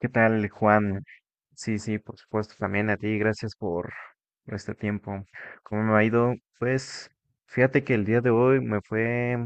¿Qué tal, Juan? Sí, sí, por supuesto, también a ti, gracias por este tiempo. ¿Cómo me ha ido? Pues fíjate que el día de hoy me fue,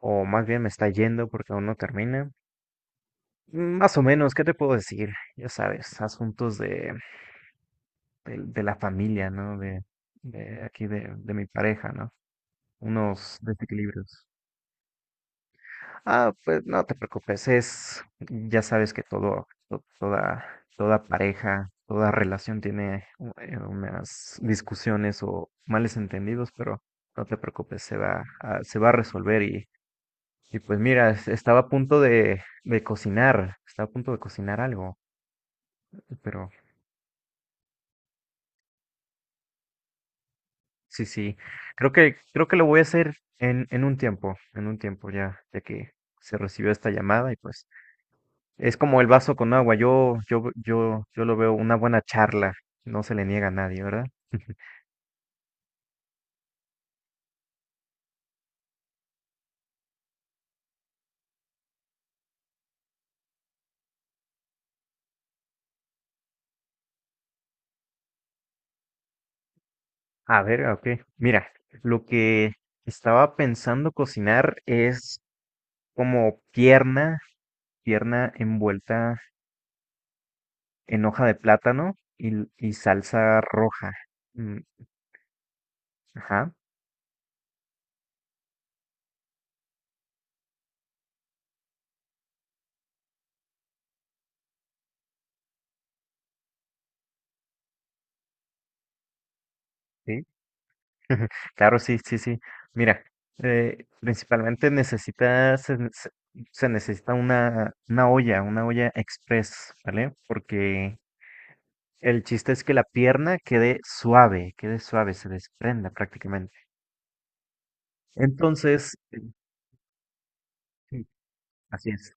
o más bien me está yendo porque aún no termina. Más o menos, ¿qué te puedo decir? Ya sabes, asuntos de la familia, ¿no? De aquí, de mi pareja, ¿no? Unos desequilibrios. Ah, pues no te preocupes, ya sabes que toda pareja, toda relación tiene unas discusiones o males entendidos, pero no te preocupes, se va a resolver y pues mira, estaba a punto de cocinar, estaba a punto de cocinar algo, pero sí, sí, creo que lo voy a hacer en un tiempo ya, ya que se recibió esta llamada y pues. Es como el vaso con agua. Yo lo veo una buena charla. No se le niega a nadie, ¿verdad? A ver, ok. Mira, lo que estaba pensando cocinar es como pierna envuelta en hoja de plátano y salsa roja. Mm, ajá, sí. Claro, sí, sí, sí. Mira, principalmente necesita, se, ne- se- se necesita una olla express, ¿vale? Porque el chiste es que la pierna quede suave, se desprenda prácticamente. Entonces, sí, así es,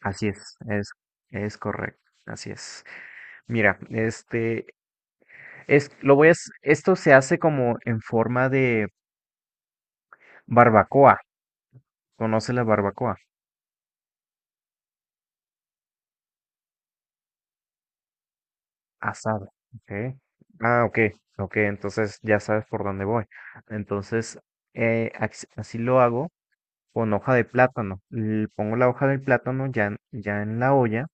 así es, es correcto, así es. Mira, es, lo voy a, hac- esto se hace como en forma de barbacoa. ¿Conoce la barbacoa? Asado, okay. Ah, ok, ok, entonces ya sabes por dónde voy. Entonces, así lo hago con hoja de plátano. Pongo la hoja del plátano ya en la olla.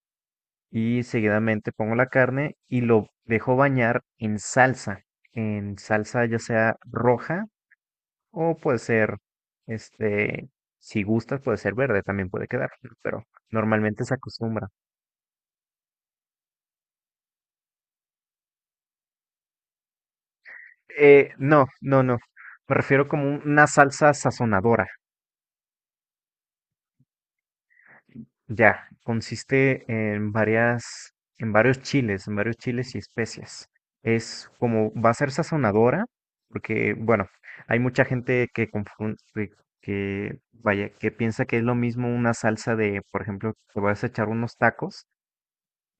Y seguidamente pongo la carne y lo dejo bañar en salsa ya sea roja o puede ser, este, si gustas puede ser verde, también puede quedar, ¿no? Pero normalmente se acostumbra. No, no, no, me refiero como una salsa sazonadora. Ya, consiste en varias, en varios chiles y especias. Es como, va a ser sazonadora, porque, bueno, hay mucha gente que confunde, que, vaya, que piensa que es lo mismo una salsa de, por ejemplo, te vas a echar unos tacos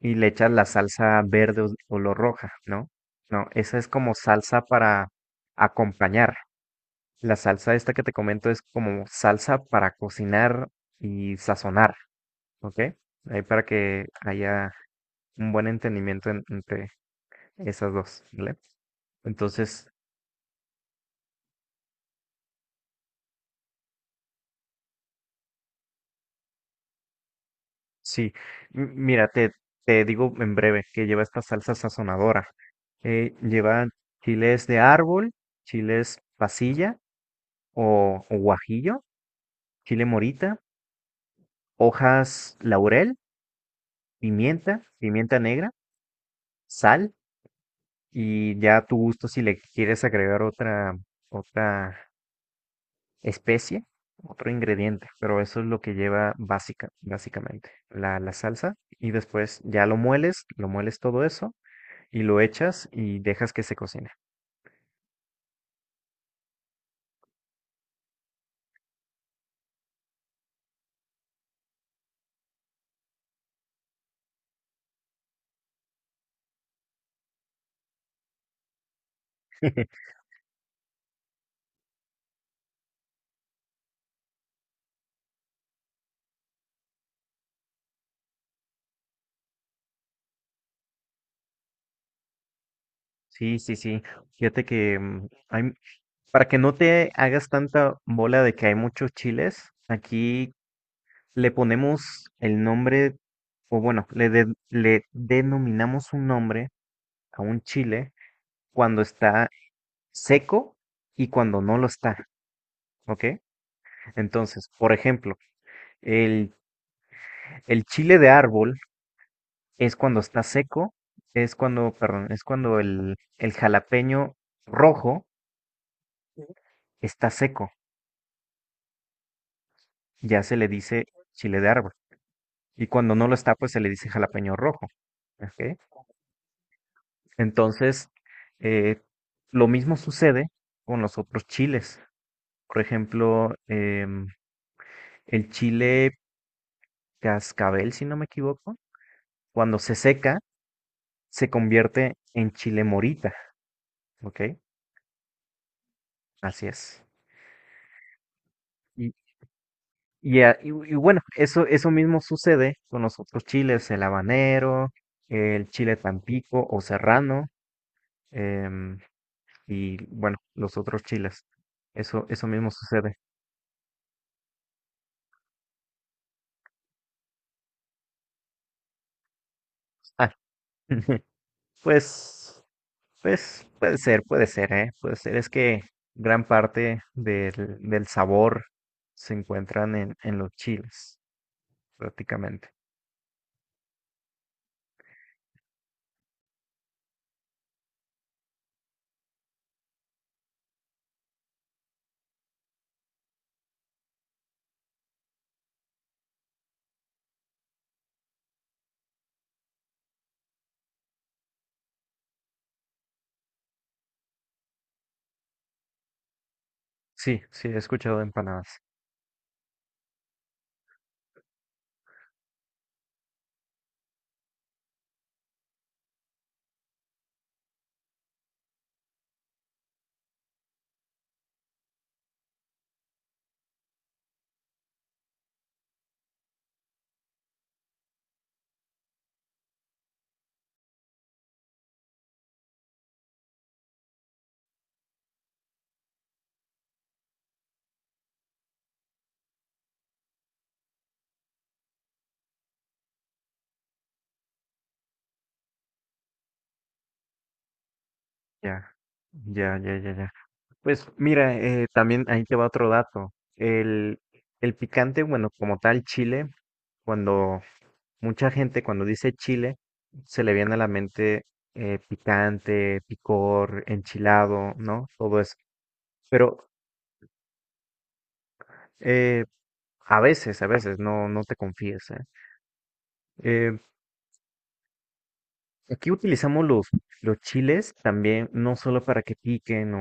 y le echas la salsa verde o color roja, ¿no? No, esa es como salsa para acompañar. La salsa esta que te comento es como salsa para cocinar y sazonar. Ok, ahí para que haya un buen entendimiento entre esas dos, ¿vale? Entonces, sí, mira, te digo en breve que lleva esta salsa sazonadora. Lleva chiles de árbol, chiles pasilla o guajillo, chile morita, hojas laurel, pimienta, pimienta negra, sal y ya a tu gusto si le quieres agregar otra especie, otro ingrediente, pero eso es lo que lleva básicamente, la salsa. Y después ya lo mueles todo eso y lo echas y dejas que se cocine. Sí, sí, sí. Fíjate que para que no te hagas tanta bola de que hay muchos chiles, aquí le ponemos el nombre, o bueno, le denominamos un nombre a un chile cuando está seco y cuando no lo está, ¿ok? Entonces, por ejemplo, el, el chile de árbol es cuando está seco, es cuando, perdón, es cuando el jalapeño rojo está seco, ya se le dice chile de árbol. Y cuando no lo está, pues se le dice jalapeño rojo. ¿Ok? Entonces, eh, lo mismo sucede con los otros chiles. Por ejemplo, el chile cascabel, si no me equivoco, cuando se seca, se convierte en chile morita, ¿ok? Así es. Y, y bueno, eso mismo sucede con los otros chiles, el habanero, el chile tampico o serrano, em, y bueno, los otros chiles. Eso mismo sucede. Ah, pues, pues puede ser, ¿eh? Puede ser. Es que gran parte del sabor se encuentran en los chiles, prácticamente. Sí, sí, he escuchado de empanadas. Ya, ya, ya, ya, ya. Pues mira, también ahí te va otro dato. El picante, bueno, como tal, chile, cuando mucha gente cuando dice chile, se le viene a la mente picante, picor, enchilado, ¿no? Todo eso. Pero eh, a veces, no te confíes, ¿eh? Eh, Aquí utilizamos los chiles también, no solo para que piquen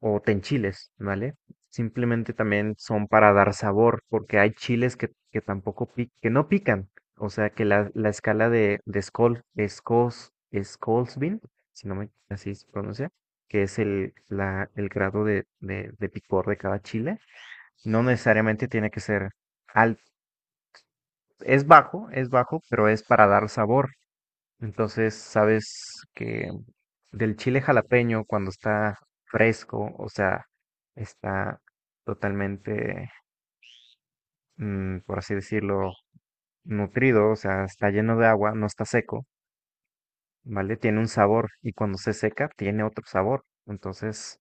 o tenchiles, ¿vale? Simplemente también son para dar sabor, porque hay chiles que tampoco pic- que no pican. O sea que la escala de Scoville, si no me así se pronuncia, que es el, la, el grado de picor de cada chile, no necesariamente tiene que ser alto. Es bajo, pero es para dar sabor. Entonces, sabes que del chile jalapeño, cuando está fresco, o sea, está totalmente, por así decirlo, nutrido, o sea, está lleno de agua, no está seco, ¿vale? Tiene un sabor y cuando se seca, tiene otro sabor. Entonces,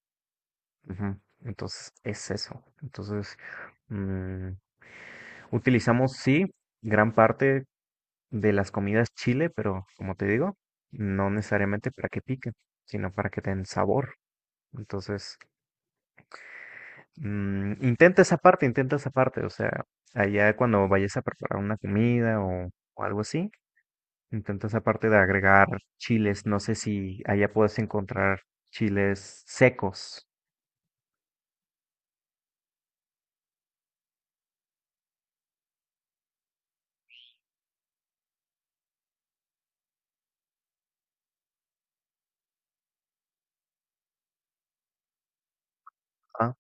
ujú, entonces es eso. Entonces, mm, utilizamos, sí, gran parte de las comidas chile, pero como te digo, no necesariamente para que pique, sino para que den sabor. Entonces, intenta esa parte, intenta esa parte. O sea, allá cuando vayas a preparar una comida o algo así, intenta esa parte de agregar chiles. No sé si allá puedes encontrar chiles secos. Ah,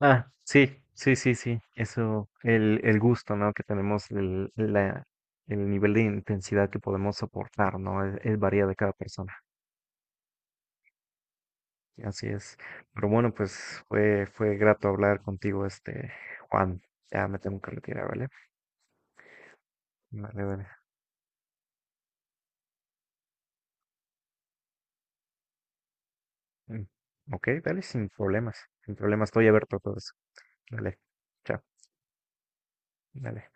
ah, sí, sí, sí, sí. Eso, el gusto, ¿no? Que tenemos, el nivel de intensidad que podemos soportar, ¿no? Es varía de cada persona. Así es. Pero bueno, pues fue grato hablar contigo, Juan. Ya me tengo que retirar, ¿vale? Vale, vale. Mm. Ok, dale, sin problemas. Sin problemas, estoy abierto a todo eso. Dale, chao, dale.